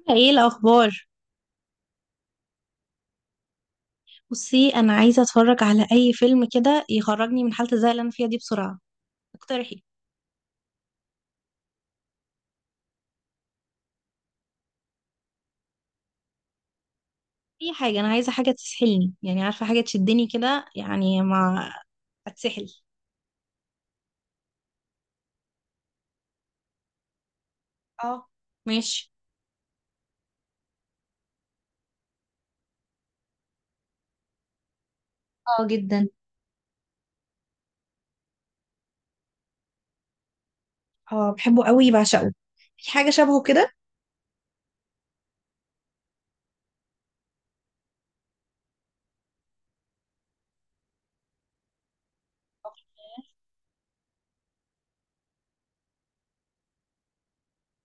عاملة ايه الأخبار؟ بصي، أنا عايزة أتفرج على أي فيلم كده يخرجني من حالة الزهق اللي أنا فيها دي بسرعة، اقترحي أي حاجة. أنا عايزة حاجة تسحلني، يعني عارفة حاجة تشدني كده، يعني ما أتسحل. اه، ماشي. اه جدا. اه، بحبه قوي، بعشقه. في حاجة شبهه كده؟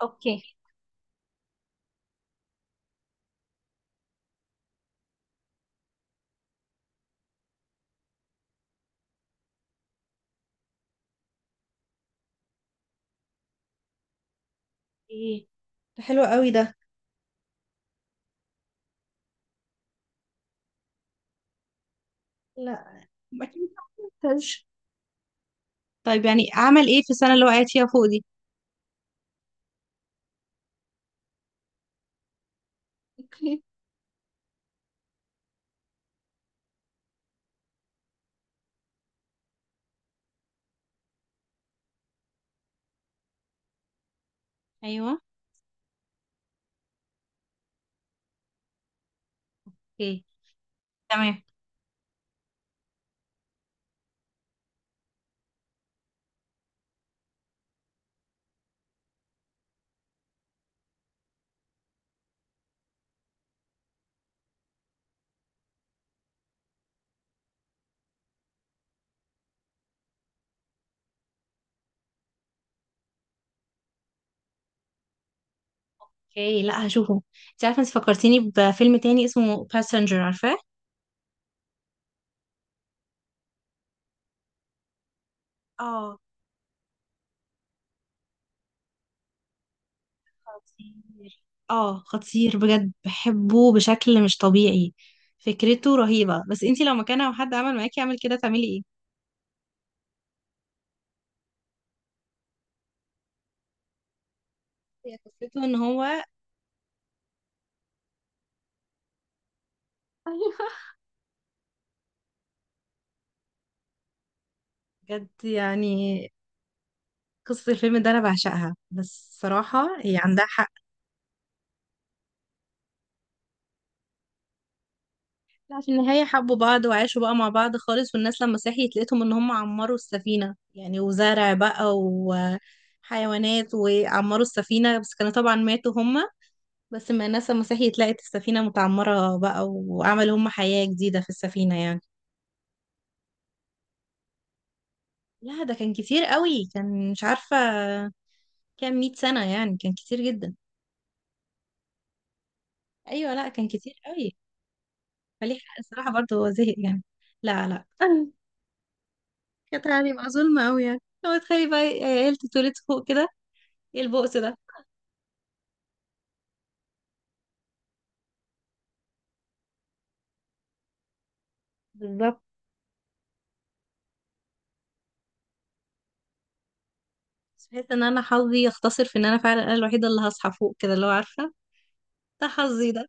اوكي. ايه، ده حلو قوي ده. لا، أكيد ما كنتش. طيب يعني أعمل ايه في السنة اللي وقعت فيها فوق دي؟ اوكي. ايوه. اوكي. تمام. اوكي، لا هشوفه. انت عارفه، انت فكرتيني بفيلم تاني اسمه باسنجر، عارفاه؟ اه، خطير. اه خطير بجد، بحبه بشكل مش طبيعي. فكرته رهيبه، بس انت لو مكانها وحد عمل معاكي يعمل كده، تعملي ايه؟ هي قصته ان هو ايوه، بجد يعني. قصة الفيلم ده أنا بعشقها، بس صراحة هي عندها حق. لا، في النهاية حبوا بعض وعاشوا بقى مع بعض خالص، والناس لما صحيت لقيتهم ان هم عمروا السفينة يعني، وزرع بقى وحيوانات وعمروا السفينة، بس كانوا طبعا ماتوا هم. بس ما الناس لما صحيت لقت السفينة متعمرة بقى، وعملوا هم حياة جديدة في السفينة يعني. لا ده كان كتير قوي، كان مش عارفة كام مئة سنة يعني، كان كتير جدا. ايوه، لا كان كتير قوي. فليه حق الصراحة برضه، هو زهق يعني. لا لا كانت هتبقى ظلمة قوي يعني، لو تخيلي بقى عيلة اتولدت فوق كده، ايه البؤس ده. بالظبط. بس بحس ان انا حظي يختصر في ان انا فعلا انا الوحيده اللي هصحى فوق كده، اللي هو عارفه، ده حظي ده.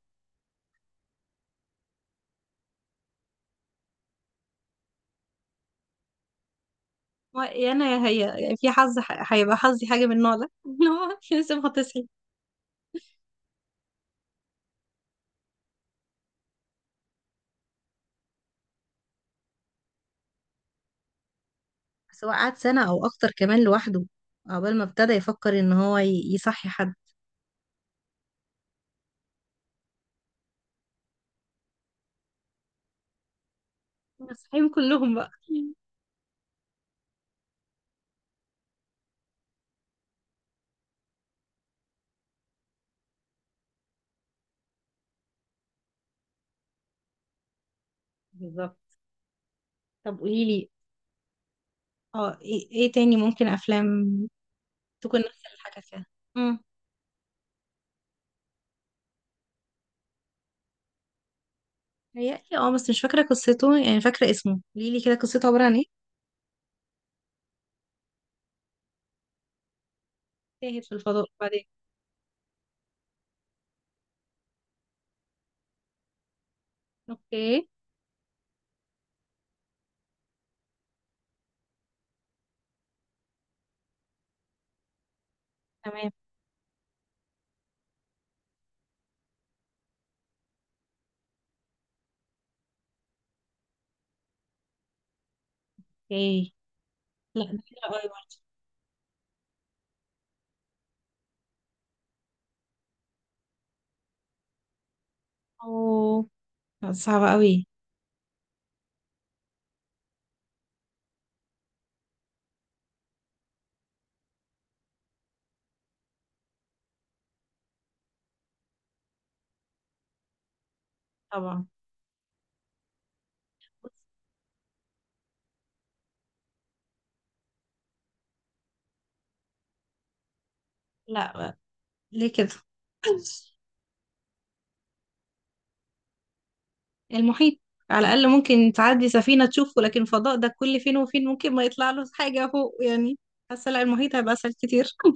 هو يا انا يا هي يعني، في حظ هيبقى حظي حاجه من النوع ده اللي هو لازم هتصحي. بس هو قعد سنه او اكتر كمان لوحده، عقبال ما ابتدى يفكر ان هو يصحي حد. صحيهم كلهم بقى. بالظبط. طب قولي لي. اه، ايه إيه تاني ممكن افلام تكون نفس اللي حكى فيها. امم، هي اه، بس مش فاكره قصته، يعني فاكره اسمه. قولي لي كده قصته عباره عن ايه. تاهت في الفضاء بعدين؟ اوكي. تمام. اوكي. لا ده حلو قوي برضه. اوه، لا، صعبة قوي. طبعا. لا. ليه كده؟ المحيط. على الأقل ممكن تعدي سفينة تشوفه، لكن فضاء ده كل فين وفين ممكن ما يطلع له حاجة فوق يعني. حاسة لا، المحيط هيبقى أسهل كتير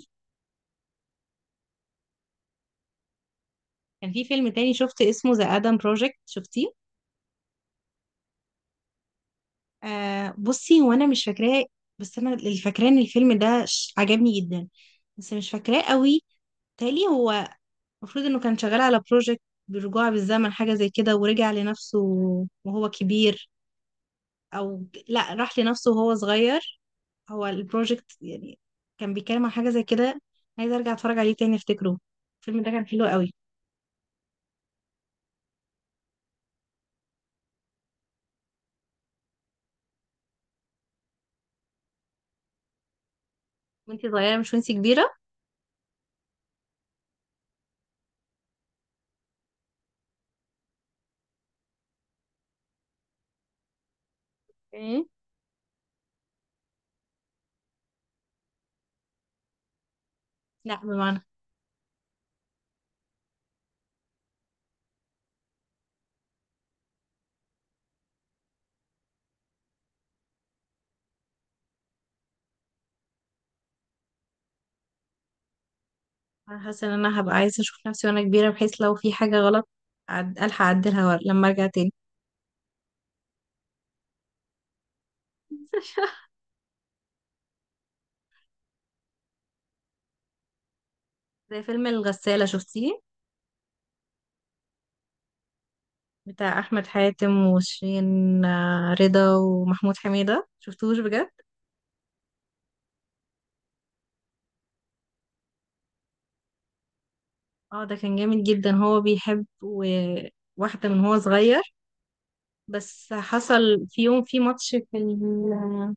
كان في فيلم تاني شفت اسمه ذا آدم بروجكت، شفتيه؟ آه، بصي، وانا مش فاكراه، بس انا اللي فاكراه ان الفيلم ده عجبني جدا، بس مش فاكراه قوي. تالي هو المفروض انه كان شغال على بروجكت بالرجوع بالزمن، حاجة زي كده، ورجع لنفسه وهو كبير، او لا، راح لنفسه وهو صغير. هو البروجكت يعني كان بيتكلم عن حاجة زي كده. عايزة ارجع اتفرج عليه تاني افتكره، الفيلم ده كان حلو قوي. وانتي صغيرة مش وانتي كبيرة؟ ايه. لا بمعنى، انا حاسة ان انا هبقى عايزة اشوف نفسي وانا كبيرة، بحيث لو في حاجة غلط الحق اعدلها لما ارجع تاني. زي فيلم الغسالة، شفتيه؟ بتاع احمد حاتم وشيرين آه، رضا، ومحمود حميدة، شفتوش بجد؟ اه ده كان جامد جدا. هو بيحب واحدة من هو صغير، بس حصل في يوم في ماتش في ال...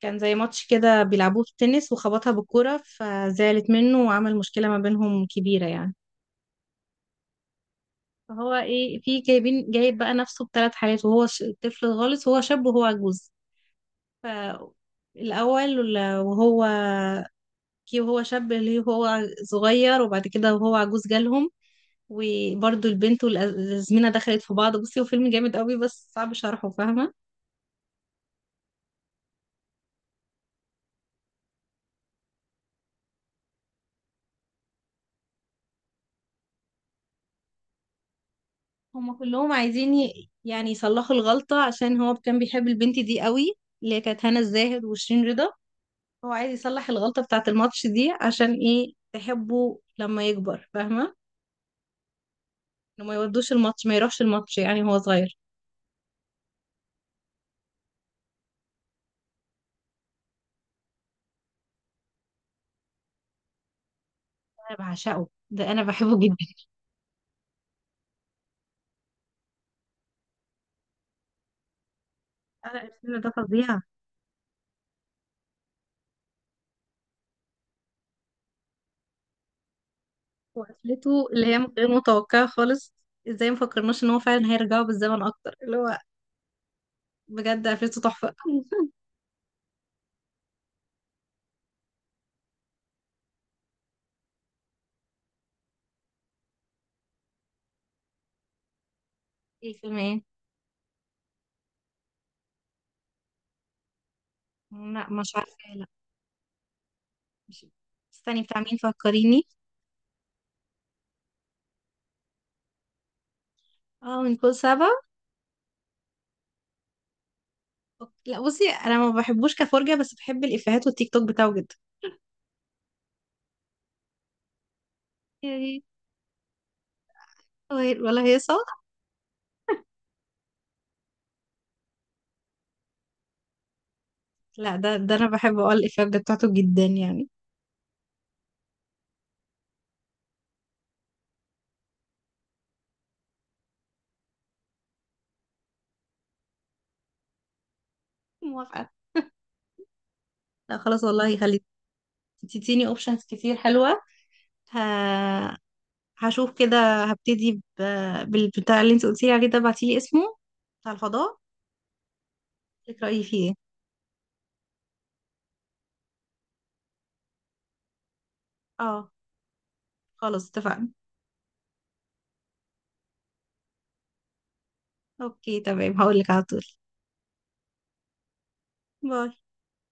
كان زي ماتش كده بيلعبوه في التنس، وخبطها بالكرة فزعلت منه، وعمل مشكلة ما بينهم كبيرة يعني. فهو ايه، في جايب بقى نفسه بثلاث حالات، وهو طفل خالص، وهو شاب، وهو عجوز. فالأول وهو كي، وهو شاب ليه، وهو صغير، وبعد كده وهو عجوز جالهم، وبرضه البنت، والأزمنة دخلت في بعض. بصي، هو فيلم جامد قوي بس صعب شرحه، فاهمة؟ هما كلهم عايزين يعني يصلحوا الغلطة، عشان هو كان بيحب البنت دي قوي، اللي هي كانت هنا الزاهد وشيرين رضا. هو عايز يصلح الغلطة بتاعة الماتش دي عشان ايه، تحبه لما يكبر، فاهمة؟ انه ما يودوش الماتش، ما يروحش الماتش يعني، هو صغير. انا بعشقه ده، انا بحبه جدا. انا الفيلم ده فظيع. وقفلته اللي هي غير متوقعة خالص. ازاي مفكرناش ان هو فعلا هيرجعوا بالزمن اكتر، اللي هو بجد قفلته تحفة. ايه الفيلم ايه؟ لا مش عارفة، لا. مش استني، بتاع مين، فكريني. اه، من كل سبع. لا بصي انا ما بحبوش كفرجة، بس بحب الافيهات والتيك توك بتاعه جدا يعني. ولا هي صح؟ لا، ده انا بحب اقول الافيهات بتاعته جدا يعني. موافقة. لا خلاص، والله خلي. تديني اوبشنز كتير حلوة. ه... هشوف كده، هبتدي ب... بالبتاع اللي انت قلتيلي عليه ده، ابعتيلي اسمه، بتاع الفضاء. لك رأيي فيه ايه. اه، خلاص اتفقنا. اوكي تمام، هقولك على طول. باي.